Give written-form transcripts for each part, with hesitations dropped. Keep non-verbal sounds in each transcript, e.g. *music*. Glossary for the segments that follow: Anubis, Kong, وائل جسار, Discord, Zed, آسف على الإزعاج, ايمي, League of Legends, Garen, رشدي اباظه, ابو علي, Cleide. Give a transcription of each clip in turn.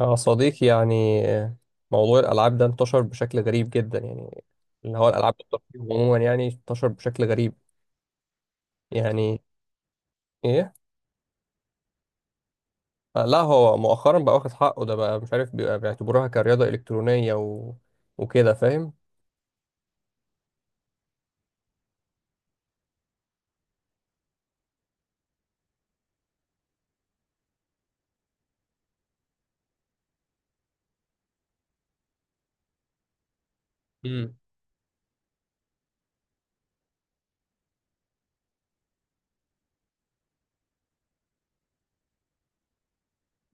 يا صديقي، يعني موضوع الألعاب ده انتشر بشكل غريب جدا. يعني اللي هو الألعاب الترفيه عموما، يعني انتشر بشكل غريب. يعني إيه؟ لا، هو مؤخرا بقى واخد حقه. ده بقى مش عارف، بيبقى بيعتبروها كرياضة إلكترونية وكده، فاهم؟ امم.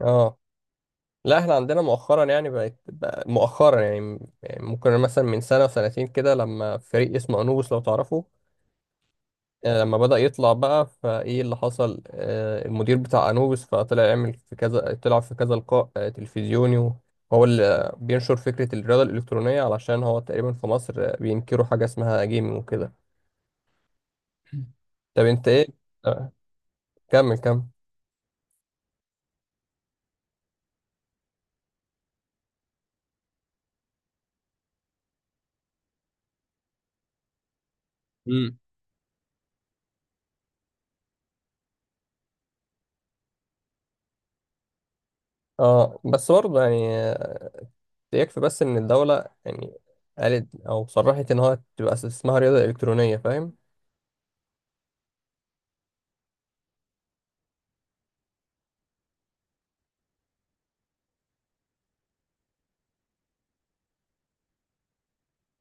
اه، لا احنا عندنا مؤخرا يعني بقت بقى مؤخرا يعني ممكن مثلا من سنة وسنتين كده لما فريق اسمه أنوبوس، لو تعرفه. لما بدأ يطلع بقى فايه اللي حصل، المدير بتاع انوبيس فطلع يعمل في كذا، طلع في كذا لقاء تلفزيوني. وهو اللي بينشر فكرة الرياضة الإلكترونية، علشان هو تقريبا في مصر بينكروا حاجة اسمها جيمنج وكده. طب انت ايه؟ آه، كمل كمل. امم. اه، بس برضه يعني يكفي بس ان الدولة يعني قالت او صرحت ان هو تبقى اسمها رياضة إلكترونية، فاهم.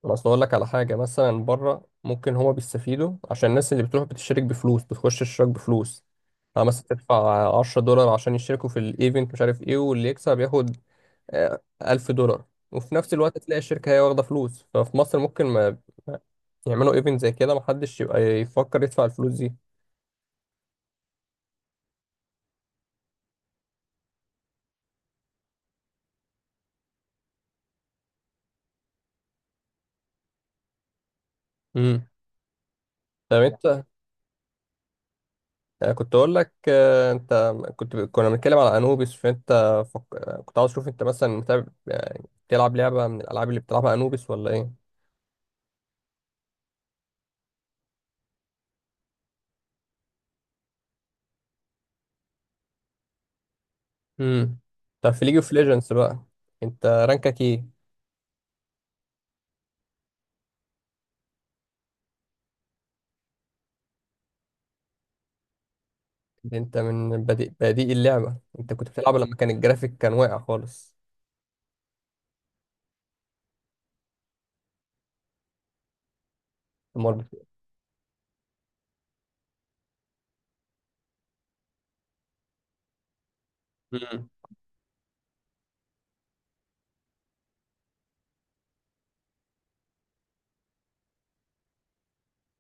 انا اصل اقول لك على حاجه. مثلا بره ممكن هما بيستفيدوا عشان الناس اللي بتروح بتشترك بفلوس، بتخش اشتراك بفلوس. مثلا تدفع $10 عشان يشتركوا في الايفنت، مش عارف ايه، واللي يكسب ياخد $1,000. وفي نفس الوقت تلاقي الشركه هي واخده فلوس. ففي مصر ممكن ما يعملوا ايفنت زي كده، محدش يبقى يفكر يدفع الفلوس دي. امم. طب انت كنت اقول لك. انت كنا بنتكلم على انوبيس. فانت فك... آه، كنت عاوز اشوف، انت مثلا متابع؟ يعني بتلعب لعبه من الالعاب اللي بتلعبها انوبيس ولا ايه؟ امم. طب في ليج اوف ليجندز بقى، انت رانكك ايه؟ ده انت من بديء اللعبة، انت كنت بتلعب لما كان الجرافيك كان واقع خالص. امال. امم.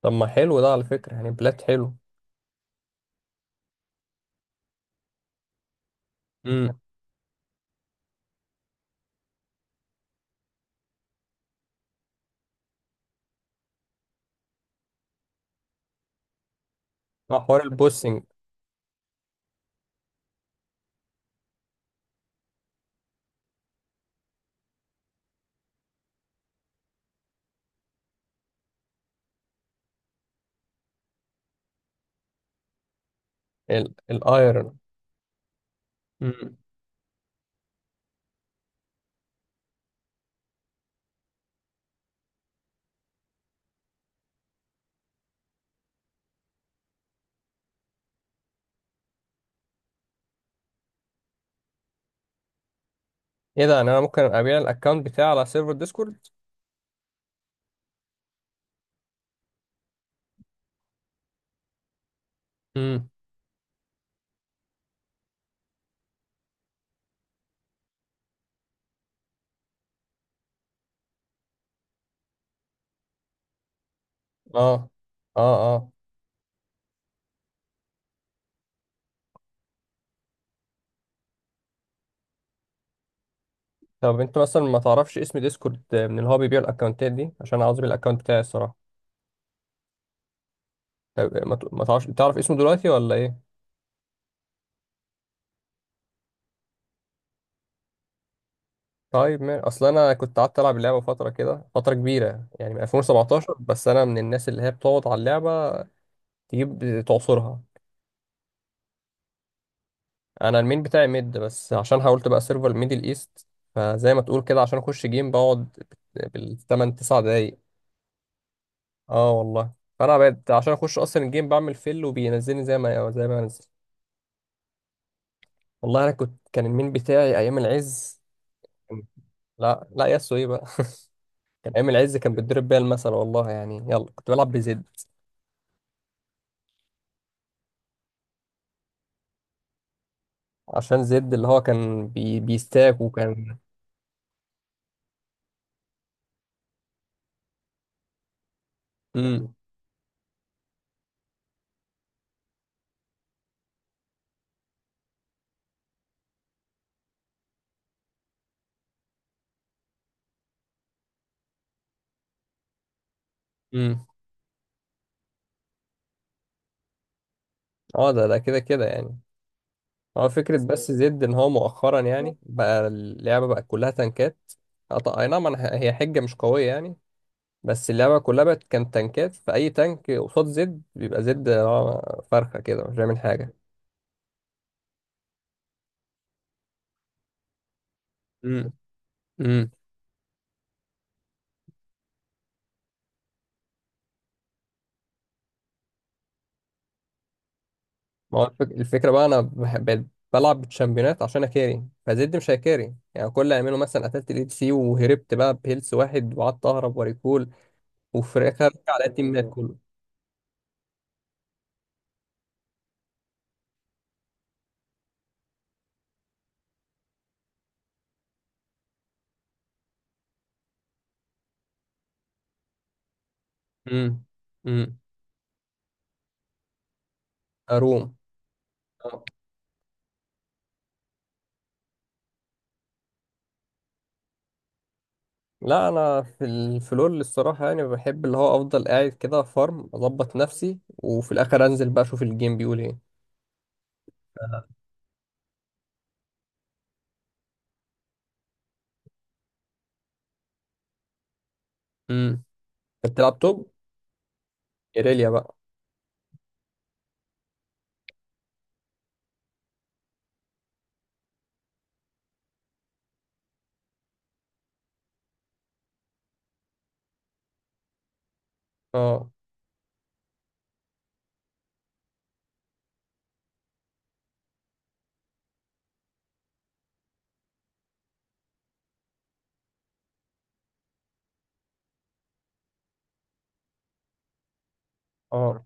طب ما حلو ده على فكرة، يعني بلات حلو. امم. مع حوار البوسنج. الايرون. امم. ايه ده؟ يعني انا ممكن ابيع الاكونت بتاعي على سيرفر ديسكورد؟ امم. اه، اه، اه. طب انت مثلا ما تعرفش اسم ديسكورد من اللي هو بيبيع الاكونتات دي؟ عشان عاوز ابيع الاكونت بتاعي، الصراحة. طب ما تعرفش تعرف اسمه دلوقتي ولا ايه؟ طيب، ما اصل انا كنت قعدت العب اللعبه فتره كده، فتره كبيره يعني من 2017. بس انا من الناس اللي هي بتقعد على اللعبه تجيب تعصرها. انا المين بتاعي ميد. بس عشان حاولت بقى سيرفر ميدل ايست، فزي ما تقول كده، عشان اخش جيم بقعد بالثمان تسع دقايق. اه والله. فانا بقيت عشان اخش اصلا الجيم بعمل فيل، وبينزلني زي ما انزل. والله انا كنت، كان المين بتاعي ايام العز. لا لا، ياسو ايه بقى. *laughs* كان ايام العز كان بيتضرب بيها المثل، والله يعني. يلا، كنت بلعب بزد. عشان زد اللي هو كان بيستاك وكان. امم. امم. اه، ده كده كده يعني. هو فكرة بس زد ان هو مؤخرا يعني بقى اللعبة بقت كلها تنكات. اه، هي حجة مش قوية يعني. بس اللعبة كلها بقت، كانت تنكات. فأي تانك قصاد زد بيبقى زد هو فرخة كده، مش بيعمل حاجة. امم. امم. ما هو الفكرة بقى انا بقيت بلعب بالشامبيونات عشان اكاري. فزد مش هيكاري، يعني كل اللي اعمله مثلا قتلت الاي سي وهربت بقى بهيلث واحد، وقعدت اهرب وريكول وفراخ على التيمات كله. امم. امم. اروم؟ آه. لا، انا في الفلور الصراحه، يعني بحب اللي هو افضل قاعد كده فارم، اظبط نفسي وفي الاخر انزل بقى اشوف الجيم بيقول ايه. امم. انت بتلعب توب؟ ايريليا بقى؟ اه، اه.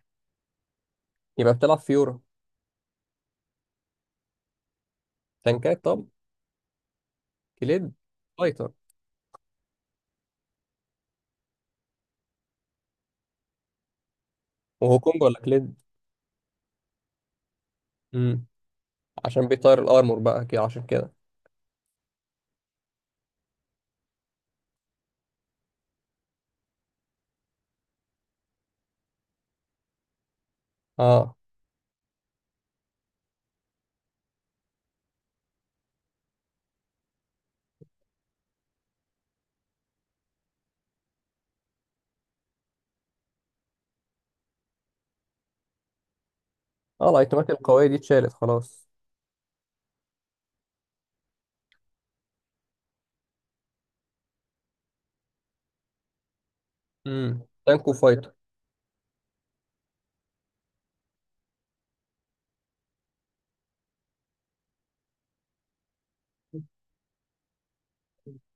يبقى بتلعب فيورا؟ تانكات طب؟ كليد؟ فايتر؟ وهو كونج ولا كليد؟ امم. عشان بيطير الارمور بقى كده، عشان كده. اه، اه. الايتمات القويه دي اتشالت خلاص. امم. تانك وفايتر.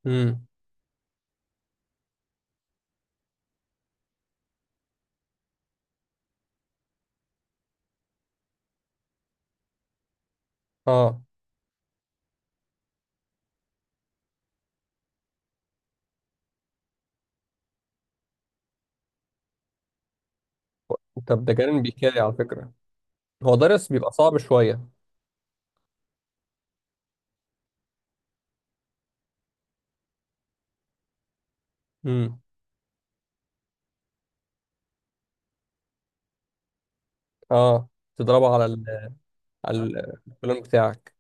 امم. اه، طب ده جارين بيكاري على فكره. هو ضرس بيبقى صعب شوية. امم. اه. تضربه على ال، على البلان بتاعك.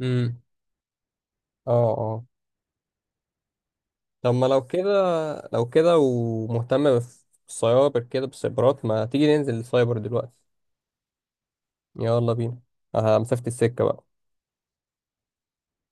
امم. اه، اه. طب ما لو كده، ومهتم بالسايبر كده، بالسايبرات، ما تيجي ننزل السايبر دلوقتي؟ يلا بينا. اه، مسافة السكة بقى.